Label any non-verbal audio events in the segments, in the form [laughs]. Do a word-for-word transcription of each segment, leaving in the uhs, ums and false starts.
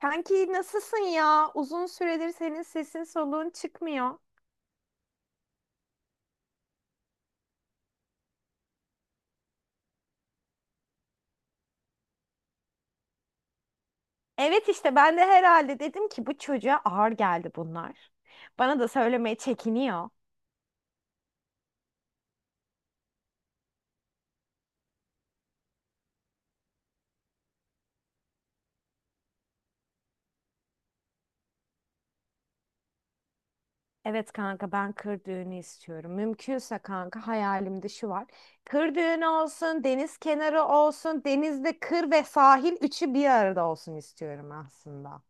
Kanki nasılsın ya? Uzun süredir senin sesin soluğun çıkmıyor. Evet işte ben de herhalde dedim ki bu çocuğa ağır geldi bunlar. Bana da söylemeye çekiniyor. Evet kanka ben kır düğünü istiyorum. Mümkünse kanka hayalimde şu var. Kır düğünü olsun, deniz kenarı olsun, denizde kır ve sahil üçü bir arada olsun istiyorum aslında.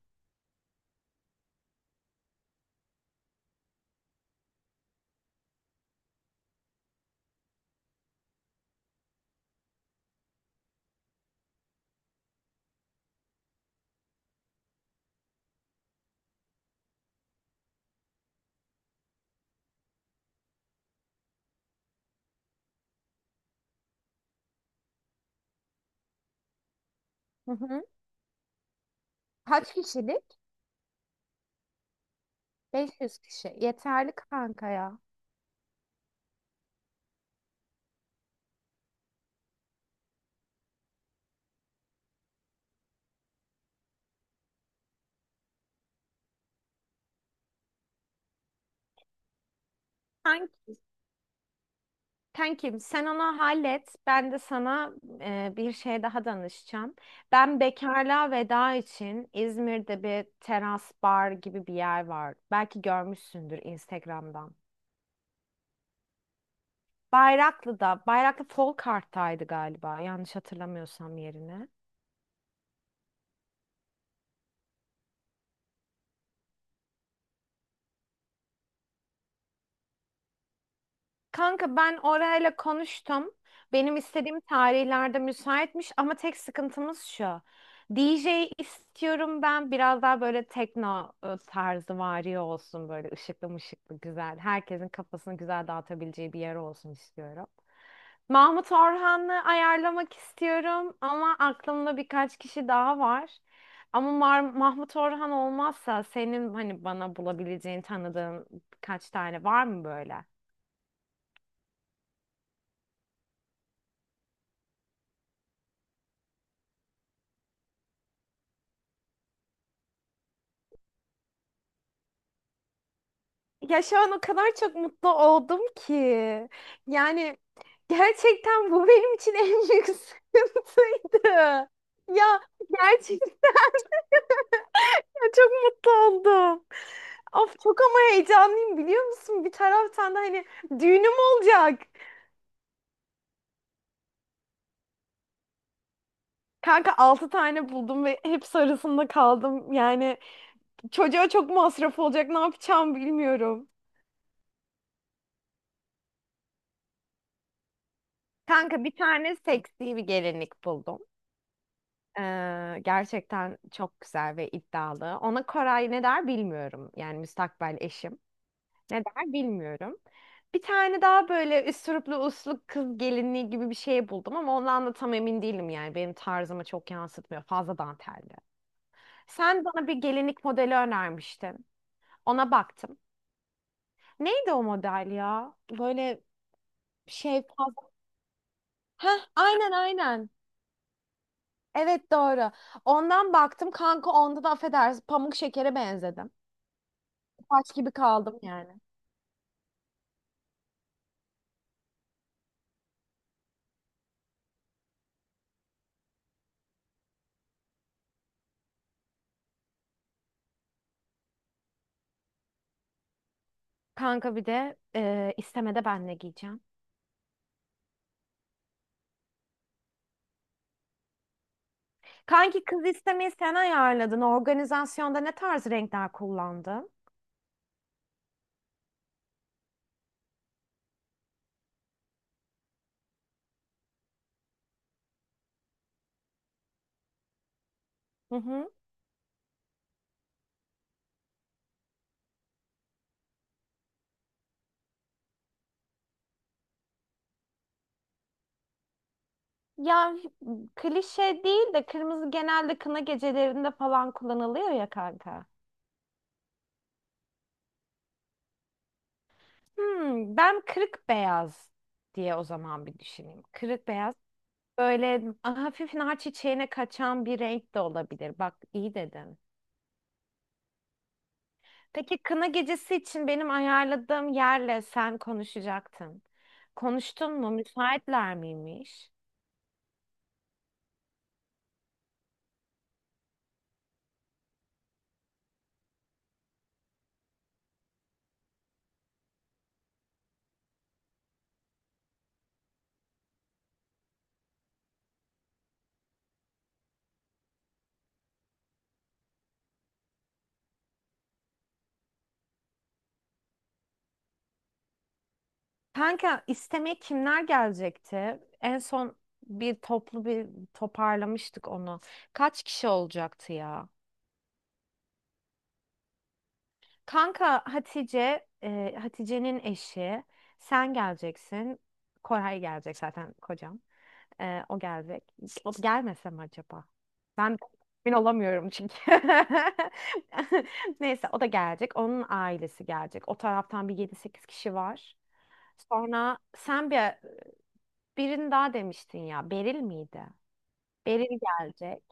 Hı hı. Kaç kişilik? beş yüz kişi. Yeterli kanka ya. Kankim sen onu hallet. Ben de sana e, bir şey daha danışacağım. Ben bekarlığa veda için İzmir'de bir teras bar gibi bir yer var. Belki görmüşsündür Instagram'dan. Bayraklı'da, Bayraklı Folkart'taydı galiba yanlış hatırlamıyorsam yerine. Kanka ben orayla konuştum. Benim istediğim tarihlerde müsaitmiş ama tek sıkıntımız şu. D J istiyorum ben biraz daha böyle tekno e, tarzı vari olsun böyle ışıklı mışıklı güzel. Herkesin kafasını güzel dağıtabileceği bir yer olsun istiyorum. Mahmut Orhan'ı ayarlamak istiyorum ama aklımda birkaç kişi daha var. Ama Mar- Mahmut Orhan olmazsa senin hani bana bulabileceğin tanıdığın birkaç tane var mı böyle? Ya şu an o kadar çok mutlu oldum ki. Yani gerçekten bu benim için en büyük [laughs] sıkıntıydı. Ya gerçekten ya çok mutlu oldum. Of çok ama heyecanlıyım biliyor musun? Bir taraftan da hani düğünüm olacak. Kanka altı tane buldum ve hep arasında kaldım. Yani çocuğa çok masraf olacak ne yapacağım bilmiyorum. Kanka bir tane seksi bir gelinlik buldum. Ee, gerçekten çok güzel ve iddialı. Ona Koray ne der bilmiyorum. Yani müstakbel eşim. Ne der bilmiyorum. Bir tane daha böyle üsturuplu uslu kız gelinliği gibi bir şey buldum ama ondan da tam emin değilim yani. Benim tarzımı çok yansıtmıyor. Fazla dantelli. Sen bana bir gelinlik modeli önermiştin. Ona baktım. Neydi o model ya? Böyle şey fazla. Heh, aynen aynen. Evet doğru. Ondan baktım kanka onda da affedersin pamuk şekere benzedim. Taş gibi kaldım yani. Kanka bir de e, istemede ben ne giyeceğim? Kanki kız istemeyi sen ayarladın. Organizasyonda ne tarz renkler kullandın? Hı hı. Ya klişe değil de kırmızı genelde kına gecelerinde falan kullanılıyor ya kanka. Hmm, ben kırık beyaz diye o zaman bir düşüneyim. Kırık beyaz böyle hafif nar çiçeğine kaçan bir renk de olabilir. Bak iyi dedin. Peki kına gecesi için benim ayarladığım yerle sen konuşacaktın. Konuştun mu? Müsaitler miymiş? Kanka istemeye kimler gelecekti? En son bir toplu bir toparlamıştık onu. Kaç kişi olacaktı ya? Kanka Hatice, e, Hatice'nin eşi. Sen geleceksin. Koray gelecek zaten kocam. E, o gelecek. O gelmese mi acaba? Ben emin olamıyorum çünkü. [laughs] Neyse o da gelecek. Onun ailesi gelecek. O taraftan bir yedi sekiz kişi var. Sonra sen bir birini daha demiştin ya. Beril miydi? Beril gelecek.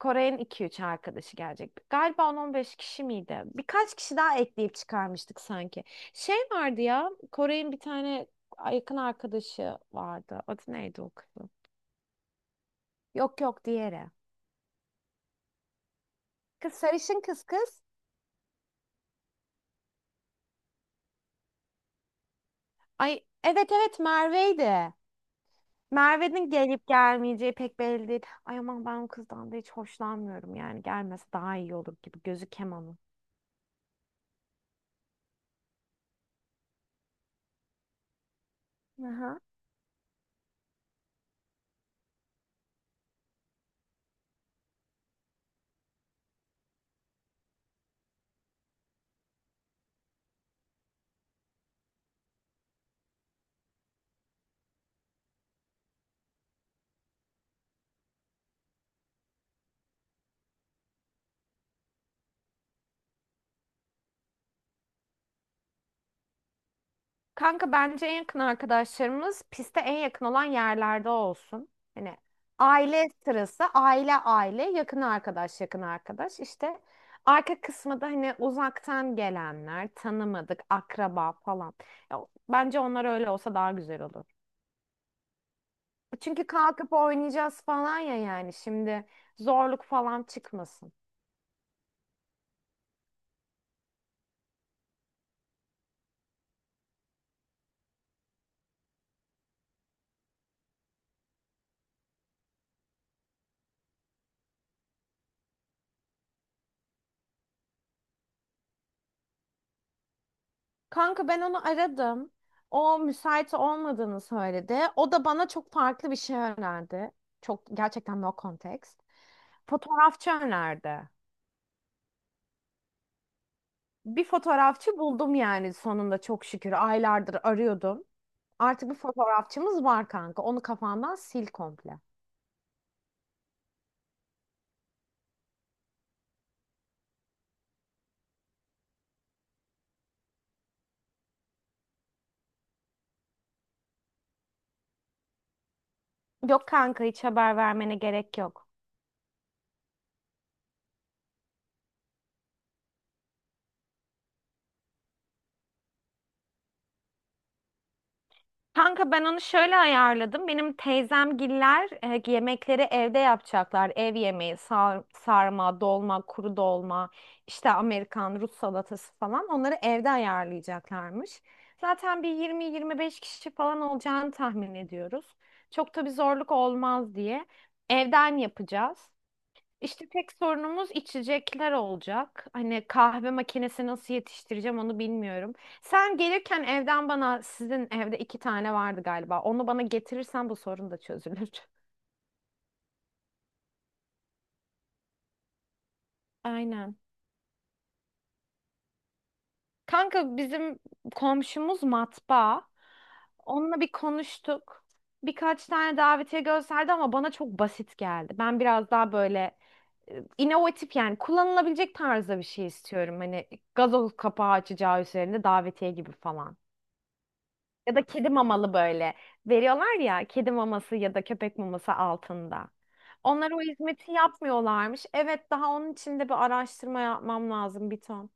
Kore'nin iki üç arkadaşı gelecek. Galiba on on beş kişi miydi? Birkaç kişi daha ekleyip çıkarmıştık sanki. Şey vardı ya, Kore'nin bir tane yakın arkadaşı vardı. Adı neydi o kızın? Yok yok diğeri. Kız sarışın kız kız. Ay evet evet Merve'ydi. Merve'nin gelip gelmeyeceği pek belli değil. Ay aman ben o kızdan da hiç hoşlanmıyorum yani. Gelmese daha iyi olur gibi. Gözü kemanı. Kanka bence en yakın arkadaşlarımız piste en yakın olan yerlerde olsun. Hani aile sırası, aile aile, yakın arkadaş, yakın arkadaş. İşte arka kısmı da hani uzaktan gelenler, tanımadık, akraba falan. Ya, bence onlar öyle olsa daha güzel olur. Çünkü kalkıp oynayacağız falan ya yani şimdi zorluk falan çıkmasın. Kanka ben onu aradım. O müsait olmadığını söyledi. O da bana çok farklı bir şey önerdi. Çok gerçekten no context. Fotoğrafçı önerdi. Bir fotoğrafçı buldum yani sonunda çok şükür. Aylardır arıyordum. Artık bir fotoğrafçımız var kanka. Onu kafandan sil komple. Yok kanka hiç haber vermene gerek yok. Kanka ben onu şöyle ayarladım. Benim teyzemgiller e, yemekleri evde yapacaklar. Ev yemeği, sar- sarma, dolma, kuru dolma, işte Amerikan, Rus salatası falan onları evde ayarlayacaklarmış. Zaten bir yirmi yirmi beş kişi falan olacağını tahmin ediyoruz. Çok da bir zorluk olmaz diye evden yapacağız. İşte tek sorunumuz içecekler olacak. Hani kahve makinesi nasıl yetiştireceğim onu bilmiyorum. Sen gelirken evden bana sizin evde iki tane vardı galiba. Onu bana getirirsen bu sorun da çözülür. [laughs] Aynen. Kanka bizim komşumuz matbaa. Onunla bir konuştuk. Birkaç tane davetiye gösterdi ama bana çok basit geldi. Ben biraz daha böyle e, inovatif yani kullanılabilecek tarzda bir şey istiyorum. Hani gazoz kapağı açacağı üzerinde davetiye gibi falan. Ya da kedi mamalı böyle veriyorlar ya kedi maması ya da köpek maması altında. Onlar o hizmeti yapmıyorlarmış. Evet daha onun için de bir araştırma yapmam lazım bir ton.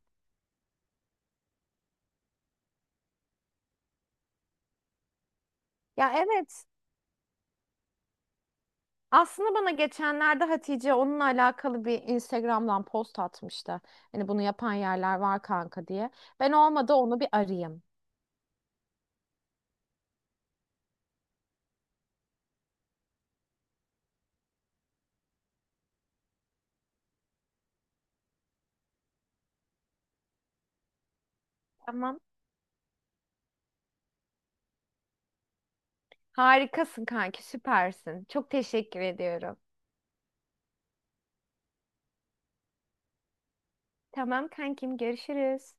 Ya evet, aslında bana geçenlerde Hatice onunla alakalı bir Instagram'dan post atmıştı. Hani bunu yapan yerler var kanka diye. Ben olmadı onu bir arayayım. Tamam. Harikasın kanki, süpersin. Çok teşekkür ediyorum. Tamam kankim, görüşürüz.